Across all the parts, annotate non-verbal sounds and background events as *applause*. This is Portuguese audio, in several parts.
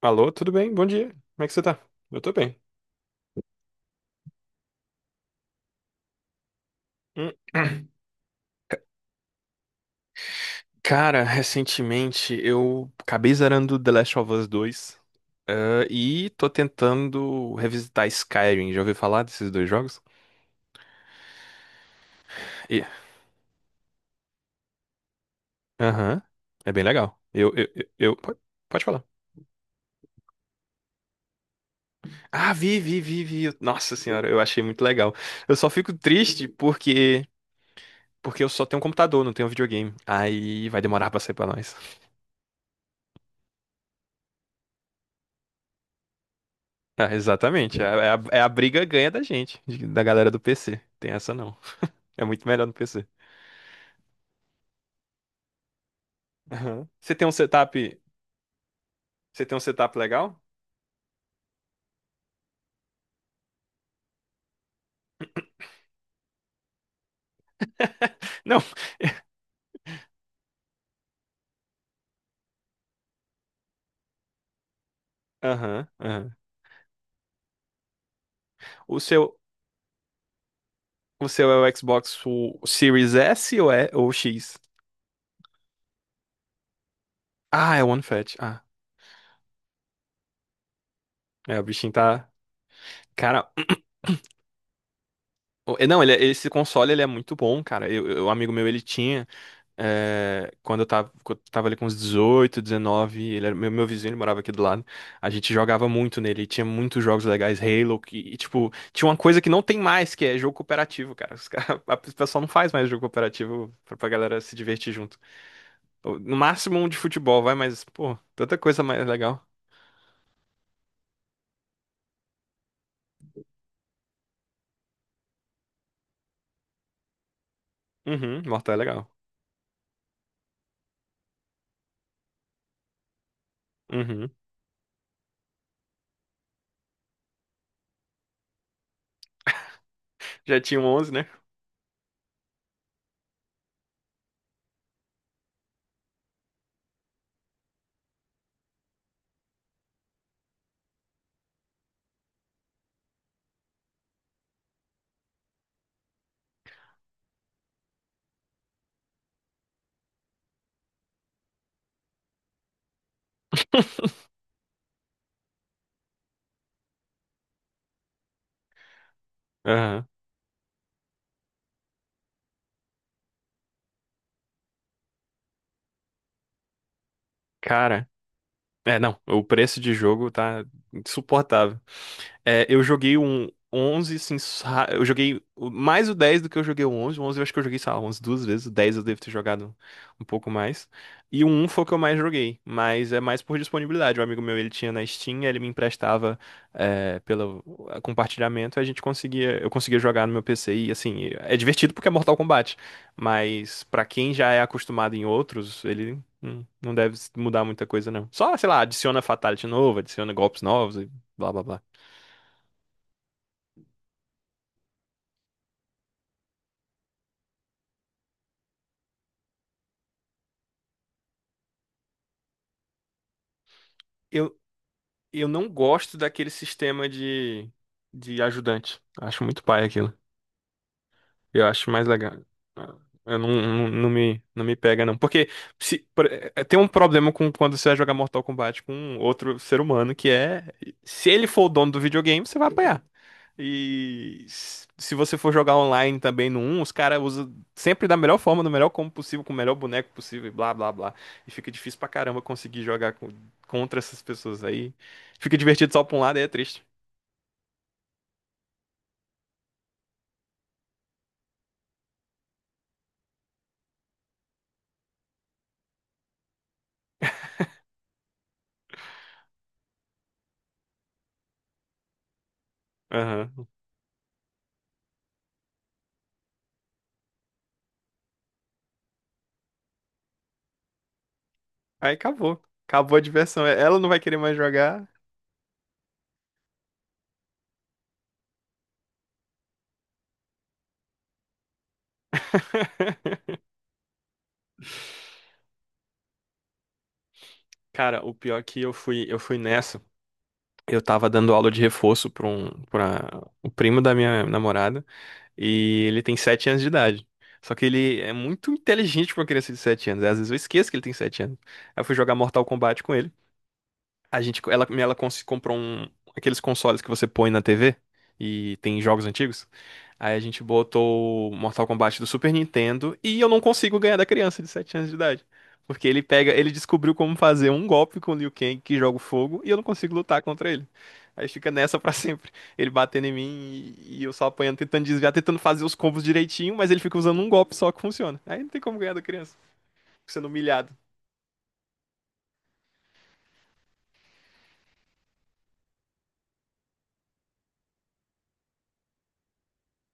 Alô, tudo bem? Bom dia. Como é que você tá? Eu tô bem. Hum. Cara, recentemente eu acabei zerando The Last of Us 2, e tô tentando revisitar Skyrim. Já ouviu falar desses dois jogos? E- Aham. É bem legal. Pode falar. Ah, vi, vi, vi, vi. Nossa senhora, eu achei muito legal. Eu só fico triste porque eu só tenho um computador, não tenho videogame. Aí vai demorar pra sair pra nós. Ah, exatamente. É a briga ganha da gente, da galera do PC. Tem essa não. É muito melhor no PC. Aham. Você tem um setup legal? Não. Aham, aham. O seu, o seu é o Xbox o Series S ou é ou X? Ah, é o One Fat. Ah, é, o bichinho tá, cara, não, esse console ele é muito bom, cara. Um amigo meu ele tinha. É, quando eu tava ali com uns 18, 19, ele era meu vizinho, ele morava aqui do lado. A gente jogava muito nele, e tinha muitos jogos legais, Halo, que, e, tipo, tinha uma coisa que não tem mais, que é jogo cooperativo, cara. Os cara, *laughs* o pessoal não faz mais jogo cooperativo pra galera se divertir junto. No máximo um de futebol, vai, mas, pô, tanta coisa mais legal. Uhum, Mortal é legal. Uhum. Já tinha um 11, né? *laughs* Aham. Cara. É, não, o preço de jogo tá insuportável. É, eu joguei um 11 assim, eu joguei mais o 10 do que eu joguei o onze. O 11 eu acho que eu joguei, sei lá, umas duas vezes. O 10 eu devo ter jogado um pouco mais. E o 1 foi o que eu mais joguei, mas é mais por disponibilidade. Um amigo meu, ele tinha na Steam, ele me emprestava é, pelo compartilhamento, a gente conseguia, eu conseguia jogar no meu PC e, assim, é divertido porque é Mortal Kombat, mas pra quem já é acostumado em outros, ele. Não deve mudar muita coisa, não. Só, sei lá, adiciona Fatality novo, adiciona golpes novos e blá blá blá. Eu, eu não gosto daquele sistema de ajudante. Acho muito pai aquilo. Eu acho mais legal. Ah, eu não, não, não me pega, não. Porque se, por- eh, tem um problema com quando você vai jogar Mortal Kombat com um outro ser humano, que é, se ele for o dono do videogame, você vai apanhar. E se você for jogar online também no um, os caras usam sempre da melhor forma, do melhor combo possível, com o melhor boneco possível, e blá blá blá. E fica difícil pra caramba conseguir jogar contra essas pessoas aí. Fica divertido só pra um lado e é triste. Aham. Aí acabou. Acabou a diversão. É, ela não vai querer mais jogar. Cara, o pior é que eu fui nessa. Eu tava dando aula de reforço pra o primo da minha namorada. E ele tem 7 anos de idade. Só que ele é muito inteligente pra uma criança de 7 anos. Às vezes eu esqueço que ele tem 7 anos. Aí eu fui jogar Mortal Kombat com ele. A gente, ela cons- comprou um, aqueles consoles que você põe na TV e tem jogos antigos. Aí a gente botou o Mortal Kombat do Super Nintendo e eu não consigo ganhar da criança de 7 anos de idade. Porque ele pega, ele descobriu como fazer um golpe com o Liu Kang que joga o fogo e eu não consigo lutar contra ele. Aí fica nessa pra *laughs* sempre. Ele batendo em mim e eu só apanhando, tentando desviar, tentando fazer os combos direitinho, mas ele fica usando um golpe só que funciona. Aí não tem como ganhar da criança, fica sendo humilhado.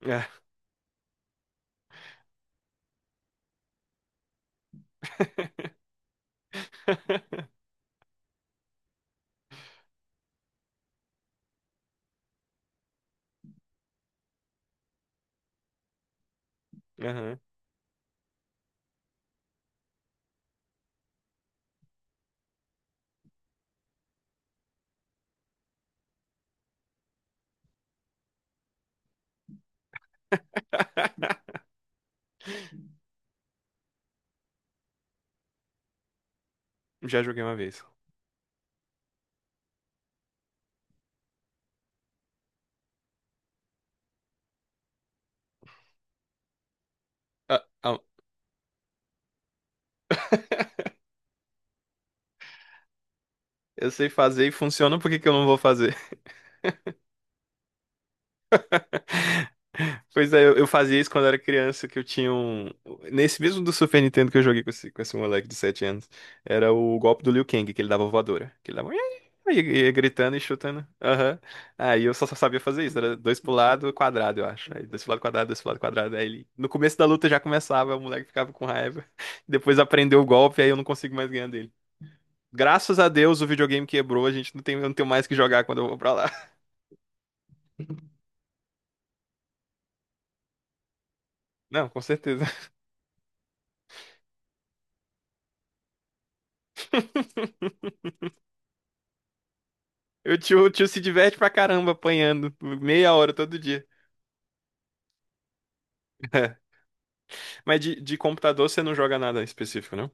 É. *laughs* Aham. Já joguei uma vez. Ah, ah. *laughs* Eu sei fazer e funciona, por que que eu não vou fazer? *laughs* Pois é, eu fazia isso quando era criança, que eu tinha um. Nesse mesmo do Super Nintendo que eu joguei com esse moleque de 7 anos, era o golpe do Liu Kang, que ele dava voadora. Que ele dava. Aí ia gritando e chutando. Aham. Aí eu só sabia fazer isso. Era dois pro lado, quadrado, eu acho. Aí dois pro lado, quadrado, dois pro lado, quadrado. Aí ele. No começo da luta já começava, o moleque ficava com raiva. *laughs* Depois aprendeu o golpe, aí eu não consigo mais ganhar dele. Graças a Deus o videogame quebrou, a gente não tem, eu não tenho mais o que jogar quando eu vou pra lá. Não, com certeza. *laughs* O tio se diverte pra caramba apanhando por meia hora todo dia. *laughs* Mas de computador você não joga nada específico, não?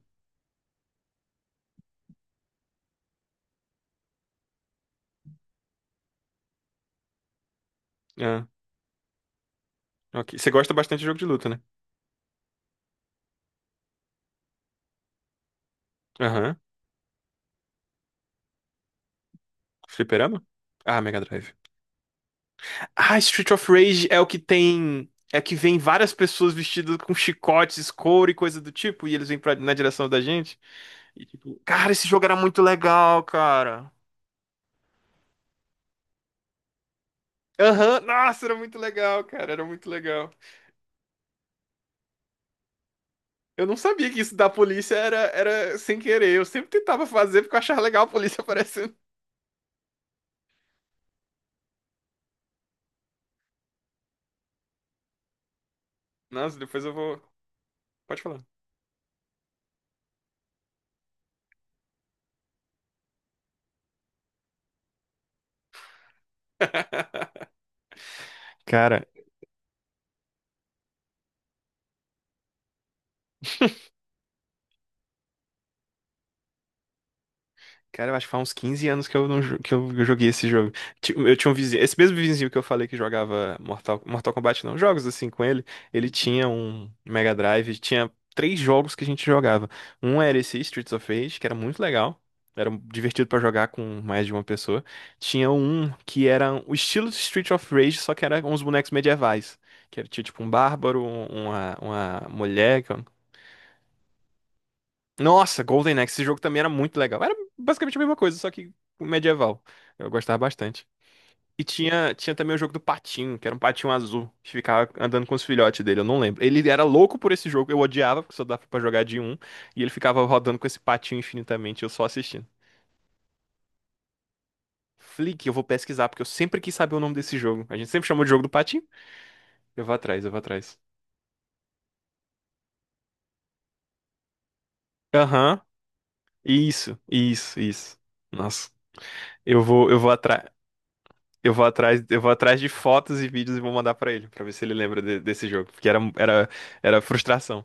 Ah, ok. Você gosta bastante de jogo de luta, né? Aham. Fliperama? Ah, Mega Drive. Ah, Street of Rage é o que tem. É que vem várias pessoas vestidas com chicotes, couro e coisa do tipo, e eles vêm pra, na direção da gente. E tipo, cara, esse jogo era muito legal, cara. Aham, nossa, era muito legal, cara, era muito legal. Eu não sabia que isso da polícia era, era sem querer. Eu sempre tentava fazer porque eu achava legal a polícia *laughs* aparecendo. Nossa, depois eu vou. Pode falar. *laughs* Cara, cara, eu acho que faz uns 15 anos que eu não jo- que eu joguei esse jogo. Eu tinha um vizinho, esse mesmo vizinho que eu falei que jogava Mortal Kombat, não, jogos assim com ele, ele tinha um Mega Drive, tinha três jogos que a gente jogava. Um era esse Streets of Rage, que era muito legal, era divertido pra jogar com mais de uma pessoa. Tinha um que era o estilo de Streets of Rage, só que era uns bonecos medievais, que era tinha, tipo um bárbaro, uma mulher. Nossa, Golden Axe, esse jogo também era muito legal. Era basicamente a mesma coisa, só que medieval. Eu gostava bastante. E tinha também o jogo do patinho, que era um patinho azul, que ficava andando com os filhotes dele, eu não lembro. Ele era louco por esse jogo, eu odiava, porque só dava pra jogar de um, e ele ficava rodando com esse patinho infinitamente, eu só assistindo. Flick, eu vou pesquisar, porque eu sempre quis saber o nome desse jogo. A gente sempre chamou de jogo do patinho. Eu vou atrás, eu vou atrás. Aham, isso, isso, isso. Nossa, eu vou atrás. Eu vou atrás de fotos e vídeos e vou mandar pra ele, pra ver se ele lembra desse jogo, porque era, era frustração.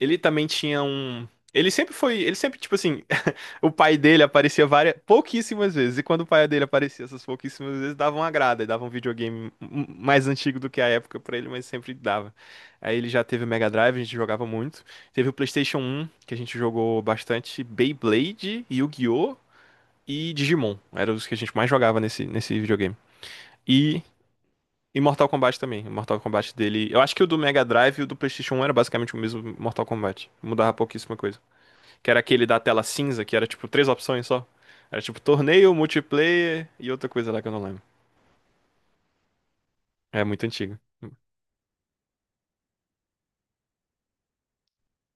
Ele também tinha um, ele sempre foi, ele sempre tipo assim, *laughs* o pai dele aparecia várias, pouquíssimas vezes, e quando o pai dele aparecia essas pouquíssimas vezes, dava uma grada, e dava um videogame mais antigo do que a época pra ele, mas sempre dava. Aí ele já teve o Mega Drive, a gente jogava muito. Teve o PlayStation um que a gente jogou bastante Beyblade, Yu-Gi-Oh! E Digimon. Eram os que a gente mais jogava nesse videogame. e e Mortal Kombat também. O Mortal Kombat dele. Eu acho que o do Mega Drive e o do PlayStation 1 era basicamente o mesmo Mortal Kombat. Mudava pouquíssima coisa. Que era aquele da tela cinza, que era tipo três opções só. Era tipo torneio, multiplayer e outra coisa lá que eu não lembro. É muito antigo.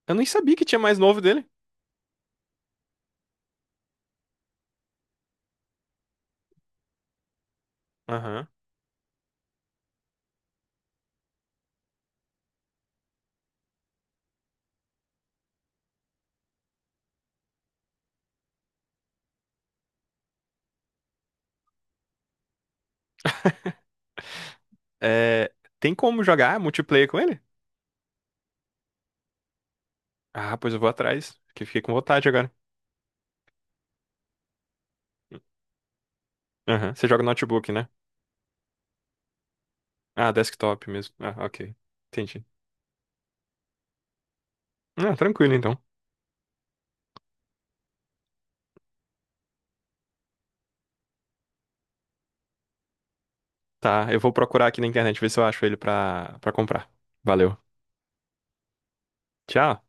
Eu nem sabia que tinha mais novo dele. Aham. É, tem como jogar multiplayer com ele? Ah, pois eu vou atrás. Que fiquei com vontade agora. Aham. Você joga no notebook, né? Ah, desktop mesmo. Ah, ok. Entendi. Ah, tranquilo então. Tá, eu vou procurar aqui na internet ver se eu acho ele pra comprar. Valeu. Tchau.